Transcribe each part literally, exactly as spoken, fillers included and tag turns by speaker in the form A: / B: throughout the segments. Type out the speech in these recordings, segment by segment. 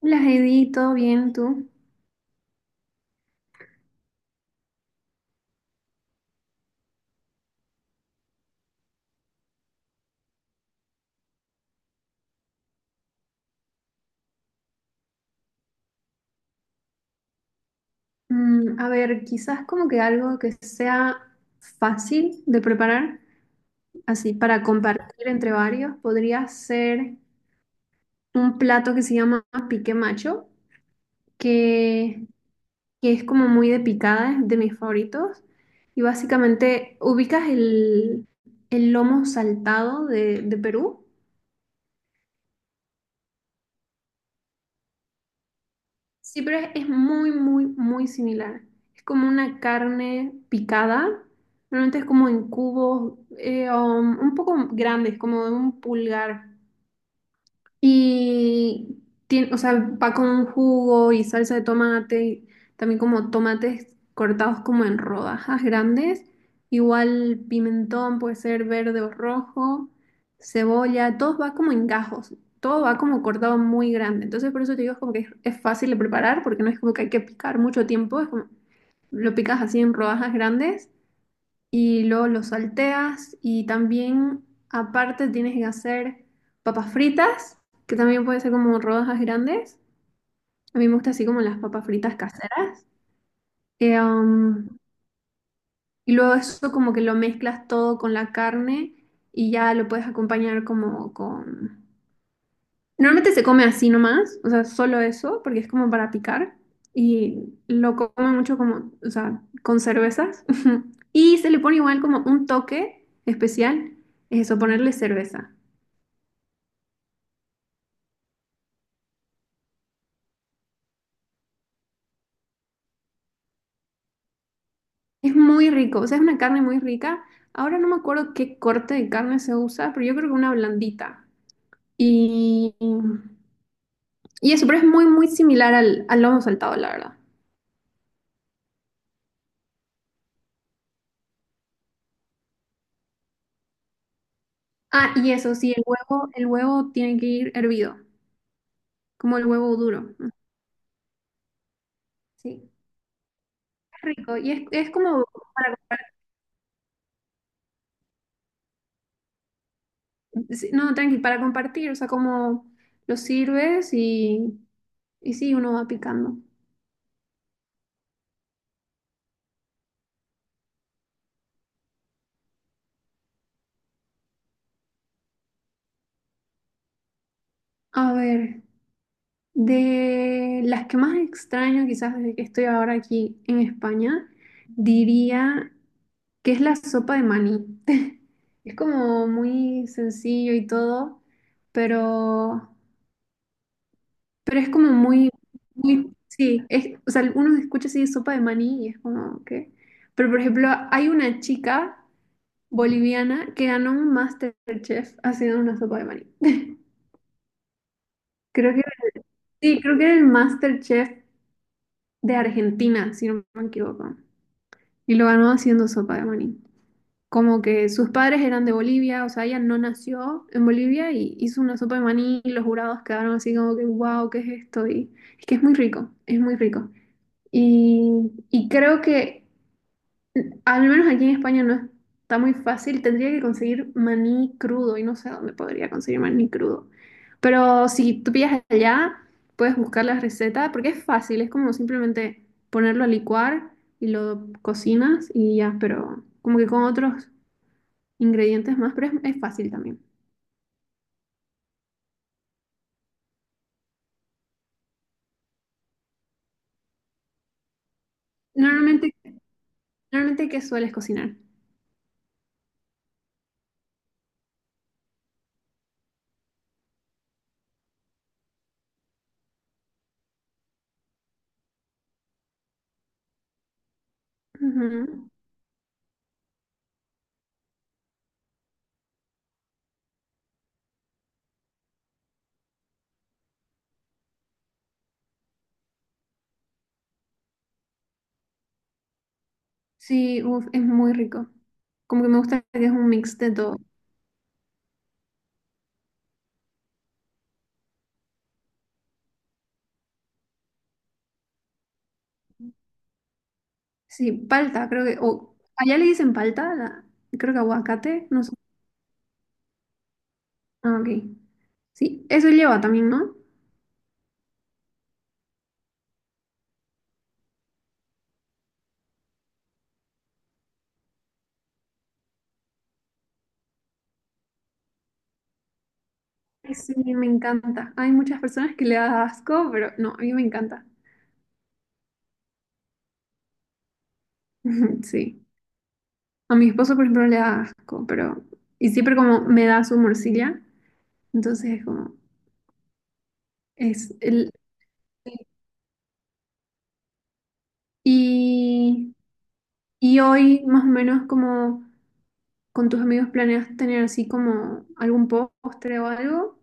A: Las Heidi, ¿todo bien tú? Mm, a ver, quizás como que algo que sea fácil de preparar, así para compartir entre varios, podría ser un plato que se llama pique macho, que, que es como muy de picada, es de mis favoritos. Y básicamente, ¿ubicas el, el lomo saltado de, de Perú? Sí, pero es, es muy, muy, muy similar. Es como una carne picada. Normalmente es como en cubos eh, um, un poco grandes, como de un pulgar. Y tiene, o sea, va con un jugo y salsa de tomate, también como tomates cortados como en rodajas grandes, igual pimentón puede ser verde o rojo, cebolla, todo va como en gajos, todo va como cortado muy grande. Entonces por eso te digo es como que es, es fácil de preparar porque no es como que hay que picar mucho tiempo, es como lo picas así en rodajas grandes y luego lo salteas y también aparte tienes que hacer papas fritas, que también puede ser como rodajas grandes. A mí me gusta así como las papas fritas caseras. Eh, um, y luego eso como que lo mezclas todo con la carne y ya lo puedes acompañar como con. Normalmente se come así nomás, o sea, solo eso, porque es como para picar. Y lo come mucho como, o sea, con cervezas. Y se le pone igual como un toque especial, es eso, ponerle cerveza. Es muy rico, o sea, es una carne muy rica. Ahora no me acuerdo qué corte de carne se usa, pero yo creo que una blandita. Y, y eso, pero es muy, muy similar al, al lomo saltado, la verdad. Ah, y eso, sí, el huevo, el huevo tiene que ir hervido, como el huevo duro, ¿no? Sí. Rico. Y es, es como para compartir. Sí, no, tranqui, para compartir, o sea, como lo sirves y, y sí, uno va picando. A ver, de las que más extraño quizás desde que estoy ahora aquí en España, diría que es la sopa de maní. Es como muy sencillo y todo, pero. Pero es como muy, muy, sí, es, o sea, uno escucha así sopa de maní y es como que... Pero por ejemplo, hay una chica boliviana que ganó un MasterChef haciendo una sopa de maní. Creo que, sí, creo que era el MasterChef de Argentina, si no me equivoco. Y lo ganó haciendo sopa de maní. Como que sus padres eran de Bolivia, o sea, ella no nació en Bolivia y hizo una sopa de maní y los jurados quedaron así como que, wow, ¿qué es esto? Y es que es muy rico, es muy rico. Y, y creo que, al menos aquí en España, no está muy fácil. Tendría que conseguir maní crudo y no sé dónde podría conseguir maní crudo. Pero si tú pillas allá, puedes buscar la receta porque es fácil. Es como simplemente ponerlo a licuar y lo cocinas y ya, pero como que con otros ingredientes más, pero es, es fácil también. Normalmente, normalmente, ¿qué sueles cocinar? Ujú. Sí, uf, es muy rico. Como que me gusta que es un mix de todo. Sí, palta, creo que. O allá le dicen palta, la- creo que aguacate, no sé. Ah, ok. Sí, eso lleva también, ¿no? Ay, sí, me encanta. Hay muchas personas que le da asco, pero no, a mí me encanta. Sí. A mi esposo, por ejemplo, le da asco, pero. Y siempre como me da su morcilla. Entonces, como. Es el. Y, y hoy, más o menos, como con tus amigos, ¿planeas tener así como algún postre o algo?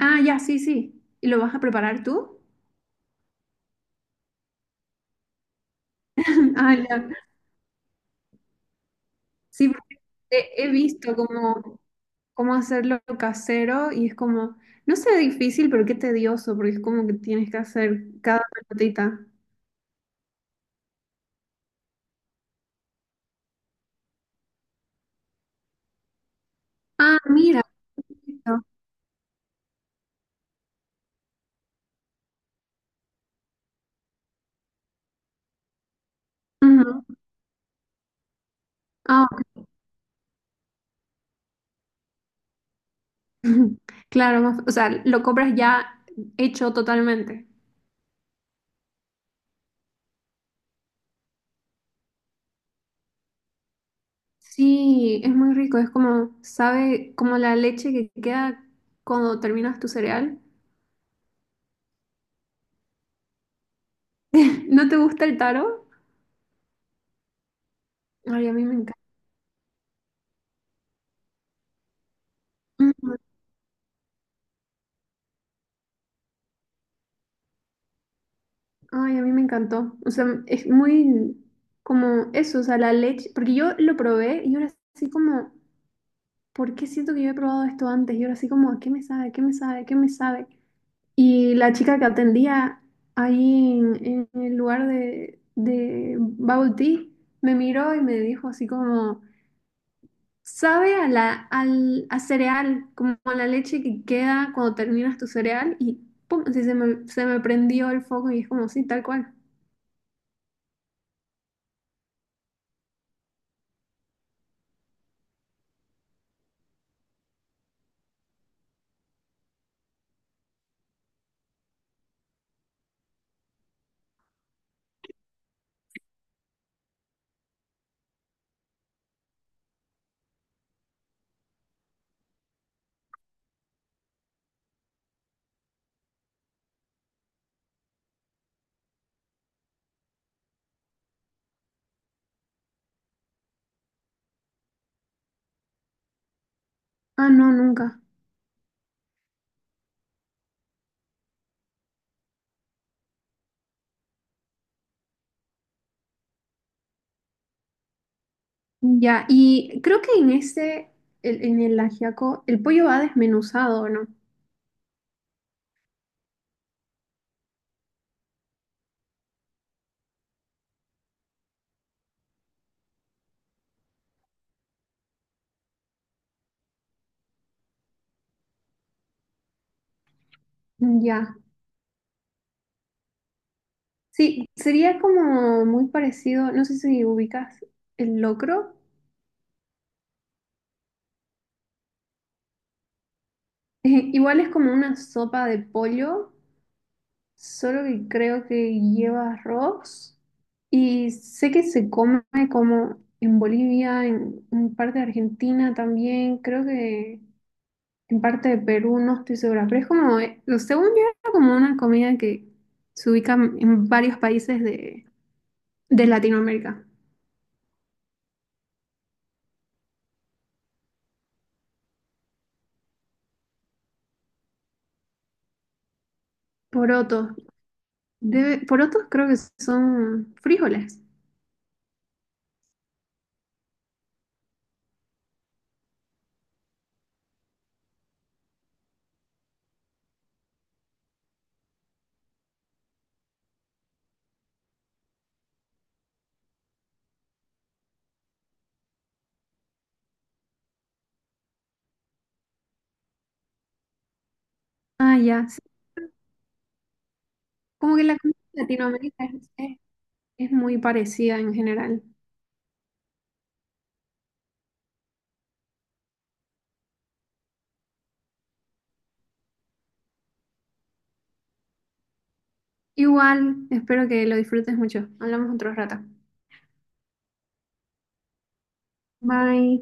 A: Ah, ya, sí, sí. ¿Y lo vas a preparar tú? Ah, ya. Sí, porque he he visto como cómo hacerlo casero y es como, no sé, difícil, pero qué tedioso, porque es como que tienes que hacer cada pelotita. Ah, mira. Perfecto. Ujú. Ah, claro, más- o sea, lo compras ya hecho totalmente. Sí, es muy rico, es como, sabe, como la leche que queda cuando terminas tu cereal. ¿No te gusta el taro? Ay, a mí me. Ujú. Ay, a mí me encantó. O sea, es muy como eso, o sea, la leche, porque yo lo probé y ahora así como, ¿por qué siento que yo he probado esto antes? Y ahora así como, ¿a qué me sabe? ¿Qué me sabe? ¿Qué me sabe? Y la chica que atendía ahí en, en el lugar de, de bubble tea me miró y me dijo así como, sabe a la, al, a cereal, como a la leche que queda cuando terminas tu cereal y pum, así se me, se me prendió el foco y es como, sí, tal cual. Ah, no, nunca. Ya, y creo que en este, el- en el ajiaco, el pollo va desmenuzado, ¿no? Ya. Sí, sería como muy parecido, no sé si ubicas el locro. Eh, igual es como una sopa de pollo, solo que creo que lleva arroz. Y sé que se come como en Bolivia, en, en parte de Argentina también, creo que en parte de Perú, no estoy segura, pero es como, eh, según yo, era como una comida que se ubica en varios países de, de Latinoamérica. Porotos. Debe, porotos creo que son frijoles. Ah, ya. Sí. Como que la comida de Latinoamérica es, es- es muy parecida en general. Igual, espero que lo disfrutes mucho. Hablamos otro rato. Bye.